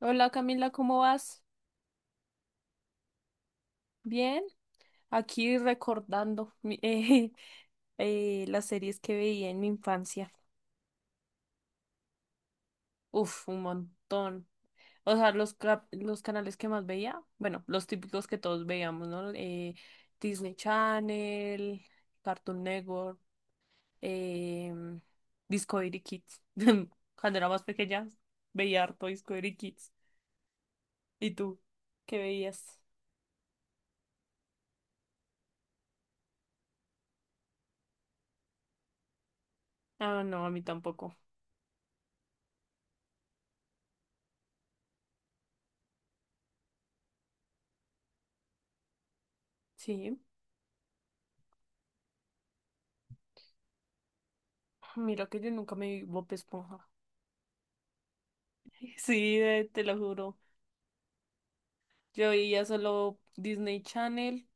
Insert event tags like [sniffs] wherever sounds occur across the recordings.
Hola Camila, ¿cómo vas? Bien, aquí recordando [laughs] las series que veía en mi infancia. Uf, un montón. O sea, los canales que más veía, bueno, los típicos que todos veíamos, ¿no? Disney Channel, Cartoon Network, em, Discovery Kids. [laughs] Cuando era más pequeña, veía harto Discovery Kids. ¿Y tú? ¿Qué veías? Ah, no, a mí tampoco. Sí. Mira que yo nunca me vi Bob Esponja. [laughs] Sí, te lo juro. Yo veía solo Disney Channel.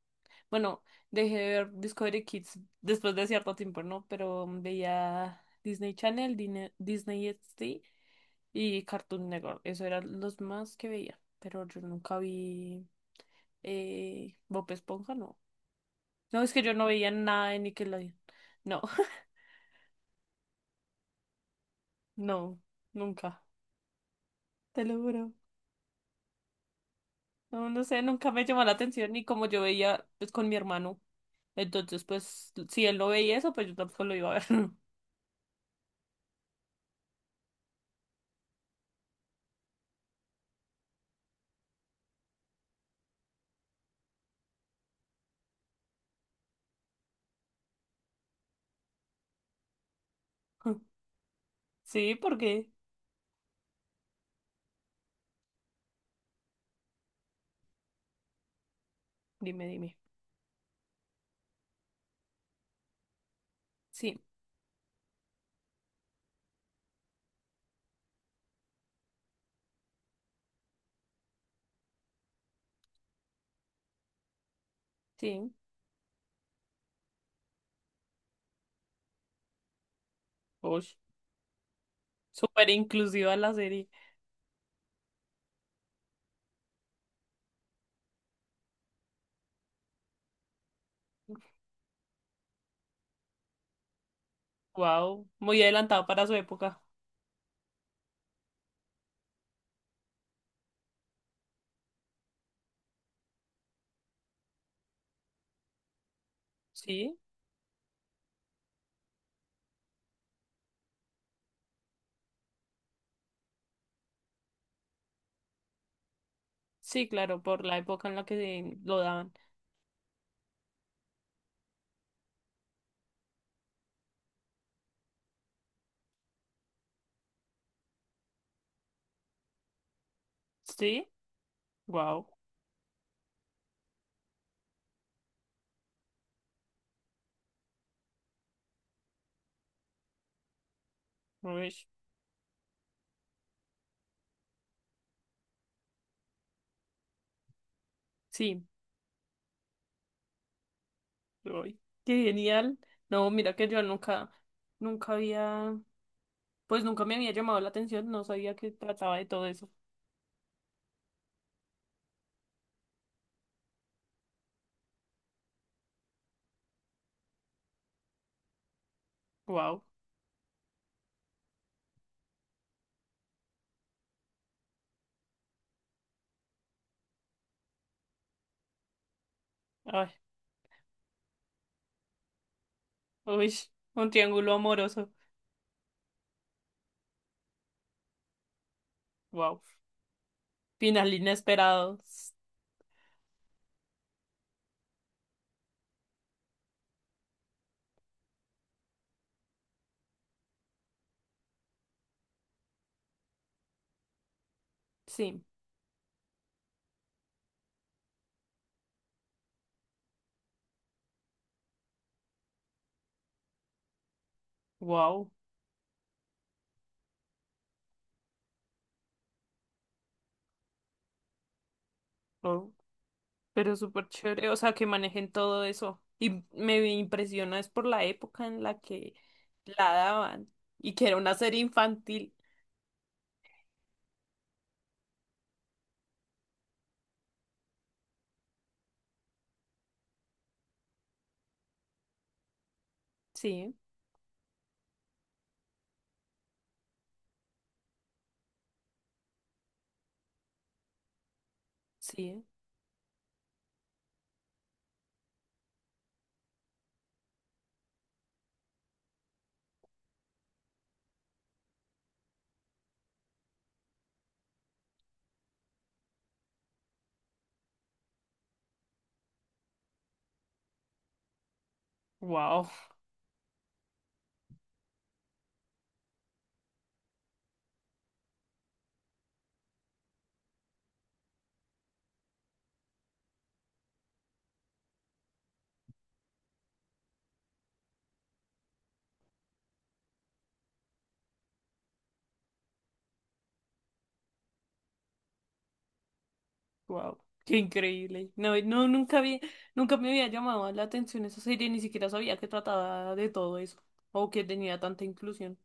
Bueno, dejé de ver Discovery Kids después de cierto tiempo, ¿no? Pero veía Disney Channel, Disney XD y Cartoon Network. Eso eran los más que veía. Pero yo nunca vi Bob Esponja, no. No, es que yo no veía nada de Nickelodeon. No, [laughs] no, nunca. Te lo juro. No, no sé, nunca me llamó la atención y como yo veía pues con mi hermano. Entonces, pues, si él no veía eso, pues yo tampoco lo iba a ver. [laughs] Sí, porque, dime, dime. Sí, sí. Uy, súper inclusiva la serie. Wow, muy adelantado para su época. Sí, sí, claro, por la época en la que se lo daban. Sí, wow. Sí, uy, qué genial. No, mira que yo nunca, nunca había, pues nunca me había llamado la atención, no sabía que trataba de todo eso. Wow, ay, uy, un triángulo amoroso. Wow. Final inesperado. Sí. Wow. Oh, pero súper chévere. O sea, que manejen todo eso. Y me impresiona es por la época en la que la daban. Y que era una serie infantil. Sí, sí. Wow. Wow. Qué increíble. No, no, nunca vi, nunca me había llamado la atención esa serie, ni siquiera sabía que trataba de todo eso. O que tenía tanta inclusión.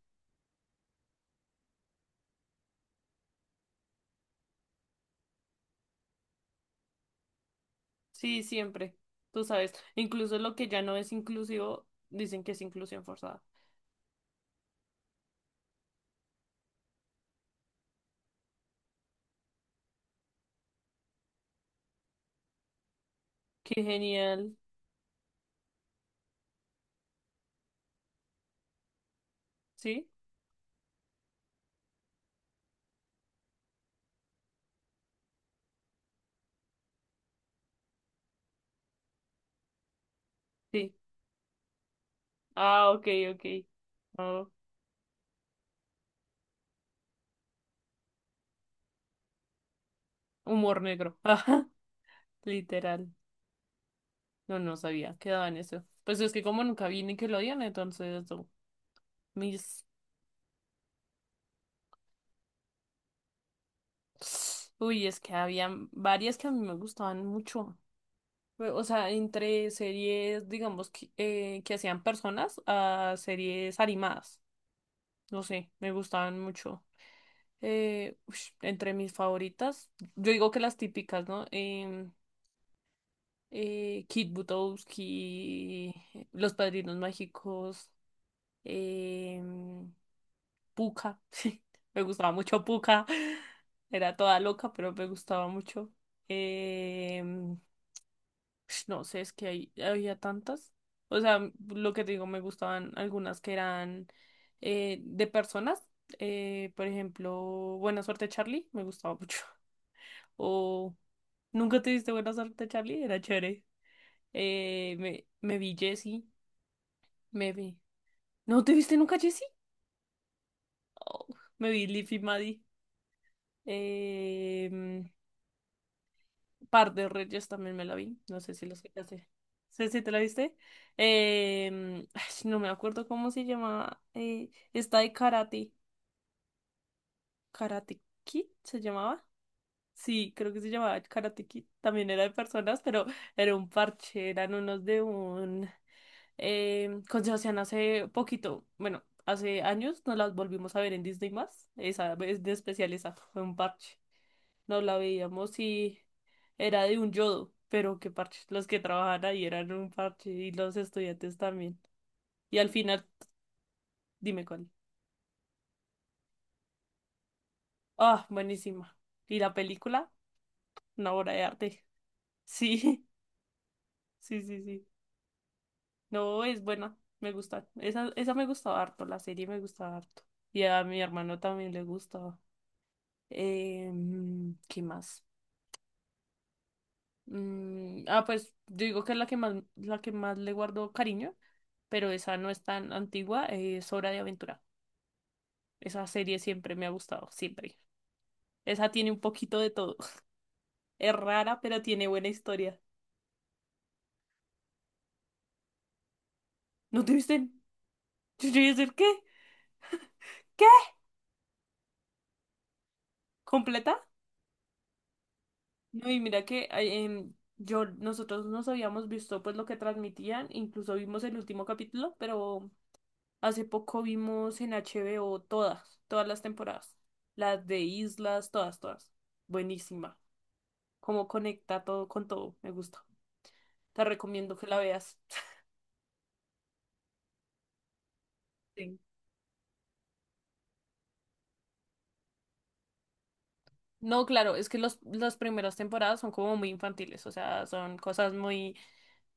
Sí, siempre. Tú sabes. Incluso lo que ya no es inclusivo, dicen que es inclusión forzada. Qué genial. ¿Sí? Sí. Ah, ok, ok. Ah, humor negro. [laughs] Ajá, literal. No, no sabía. Quedaba en eso. Pues es que como nunca vi Nickelodeon, entonces no, mis. Uy, es que había varias que a mí me gustaban mucho. O sea, entre series, digamos, que hacían personas a series animadas. No sé, me gustaban mucho. Entre mis favoritas, yo digo que las típicas, ¿no? Kit Butowski, Los Padrinos Mágicos, em, Pucca. [laughs] Me gustaba mucho Pucca. Era toda loca, pero me gustaba mucho. Em, [sniffs] no sé, es que había tantas. O sea, lo que te digo, me gustaban algunas que eran de personas. Por ejemplo, Buena Suerte Charlie, me gustaba mucho. [laughs] O Nunca te diste Buena Suerte Charlie, era chévere. Me vi Jessie. Me vi. ¿No te viste nunca, Jessie? Me vi Liv y Maddie. Em, Par de Reyes también me la vi. No sé si los quitaste. Sé si te la viste? Ay, no me acuerdo cómo se llamaba, esta de Karate. ¿Karate Kid se llamaba? Sí, creo que se llamaba Karate Kid. También era de personas, pero era un parche. Eran unos de un. Con Sebastián hace poquito, bueno, hace años nos las volvimos a ver en Disney más. Esa vez de especial, esa fue un parche. Nos la veíamos y era de un yodo, pero qué parche. Los que trabajaban ahí eran un parche y los estudiantes también. Y al final, dime cuál. Ah, buenísima. ¿Y la película? Una obra de arte. Sí, [laughs] sí, sí, sí. No, es buena. Me gusta. Esa me gustaba harto, la serie me gustaba harto. Y a mi hermano también le gustaba. ¿Qué más? Pues yo digo que es la que más, le guardo cariño, pero esa no es tan antigua, es Hora de Aventura. Esa serie siempre me ha gustado, siempre. Esa tiene un poquito de todo. [laughs] Es rara, pero tiene buena historia. ¿No te viste? Yo llegué a decir, ¿qué? ¿Qué? ¿Completa? No, y mira que nosotros nos habíamos visto pues lo que transmitían, incluso vimos el último capítulo, pero hace poco vimos en HBO todas, todas las temporadas. Las de Islas, todas, todas. Buenísima. Cómo conecta todo con todo. Me gusta. Te recomiendo que la veas. [laughs] Sí. No, claro, es que las primeras temporadas son como muy infantiles, o sea, son cosas muy,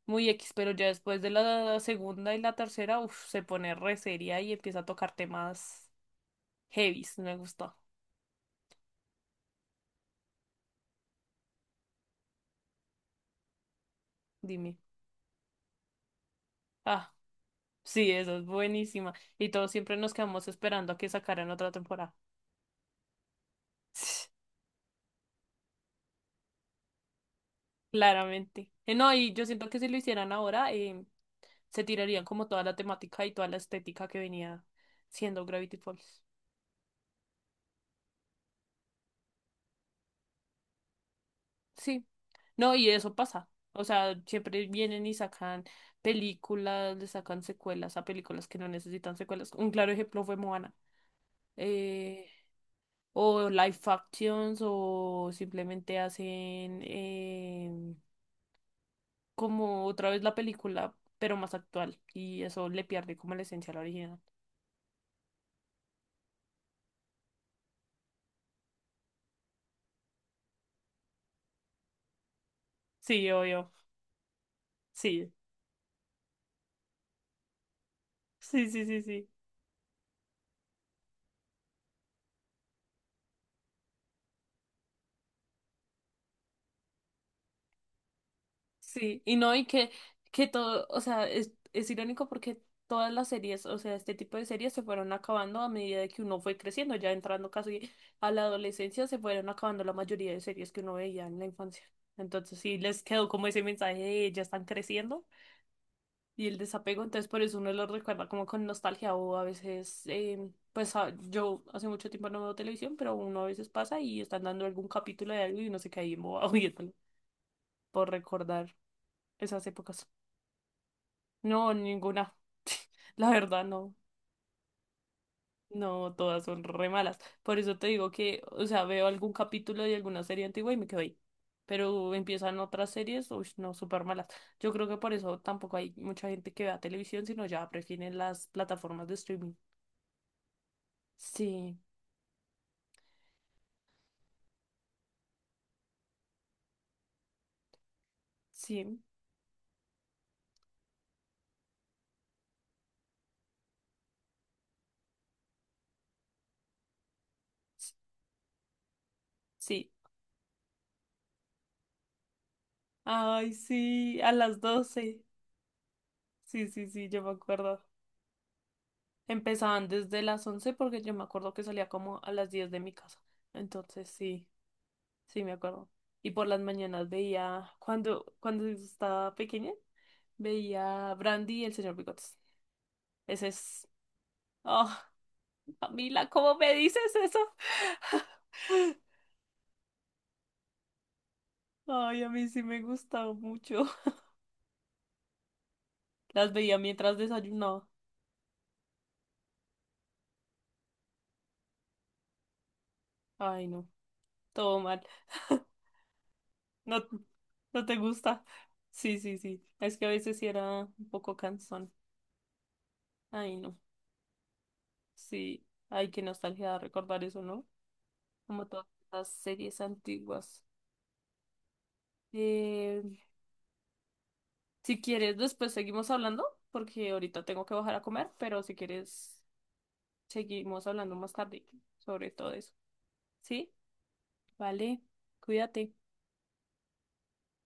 muy X, pero ya después de la segunda y la tercera, uf, se pone re seria y empieza a tocar temas heavies, me gustó, dime. Ah, sí, eso es buenísima. Y todos siempre nos quedamos esperando a que sacaran otra temporada. Claramente. No, y yo siento que si lo hicieran ahora, se tirarían como toda la temática y toda la estética que venía siendo Gravity Falls. Sí. No, y eso pasa. O sea, siempre vienen y sacan películas, le sacan secuelas a películas que no necesitan secuelas. Un claro ejemplo fue Moana. Eh, o live actions, o simplemente hacen como otra vez la película, pero más actual. Y eso le pierde como la esencia a la original. Sí, obvio. Sí, sí, sí, sí, sí. Sí, y no, y que todo, o sea, es irónico porque todas las series, o sea, este tipo de series se fueron acabando a medida de que uno fue creciendo, ya entrando casi a la adolescencia, se fueron acabando la mayoría de series que uno veía en la infancia. Entonces sí, les quedó como ese mensaje de ya están creciendo, y el desapego, entonces por eso uno lo recuerda como con nostalgia o a veces, pues yo hace mucho tiempo no veo televisión, pero uno a veces pasa y están dando algún capítulo de algo y uno se cae embobado [laughs] viéndolo por recordar esas épocas. No, ninguna. [laughs] La verdad, no. No, todas son re malas. Por eso te digo que, o sea, veo algún capítulo de alguna serie antigua y me quedo ahí. Pero empiezan otras series, uy, no, súper malas. Yo creo que por eso tampoco hay mucha gente que vea televisión, sino ya prefieren las plataformas de streaming. Sí, sí, s- sí. Ay, sí, a las 12. Sí, sí, sí, yo me acuerdo. Empezaban desde las 11 porque yo me acuerdo que salía como a las 10 de mi casa. Entonces, sí, sí, me acuerdo. Y por las mañanas veía, cuando estaba pequeña, veía a Brandy y el señor Bigotes. Ese es. Oh, Camila, ¿cómo me dices eso? [laughs] Ay, a mí sí me gustaba mucho. [laughs] Las veía mientras desayunaba. Ay, no. Todo mal. [laughs] No, no te gusta. Sí, sí, sí. Es que a veces sí era un poco cansón. Ay, no. Sí. Ay, qué nostalgia recordar eso, ¿no? Como todas las series antiguas. Eh, si quieres, después seguimos hablando, porque ahorita tengo que bajar a comer, pero si quieres, seguimos hablando más tarde sobre todo eso. ¿Sí? Vale. Cuídate.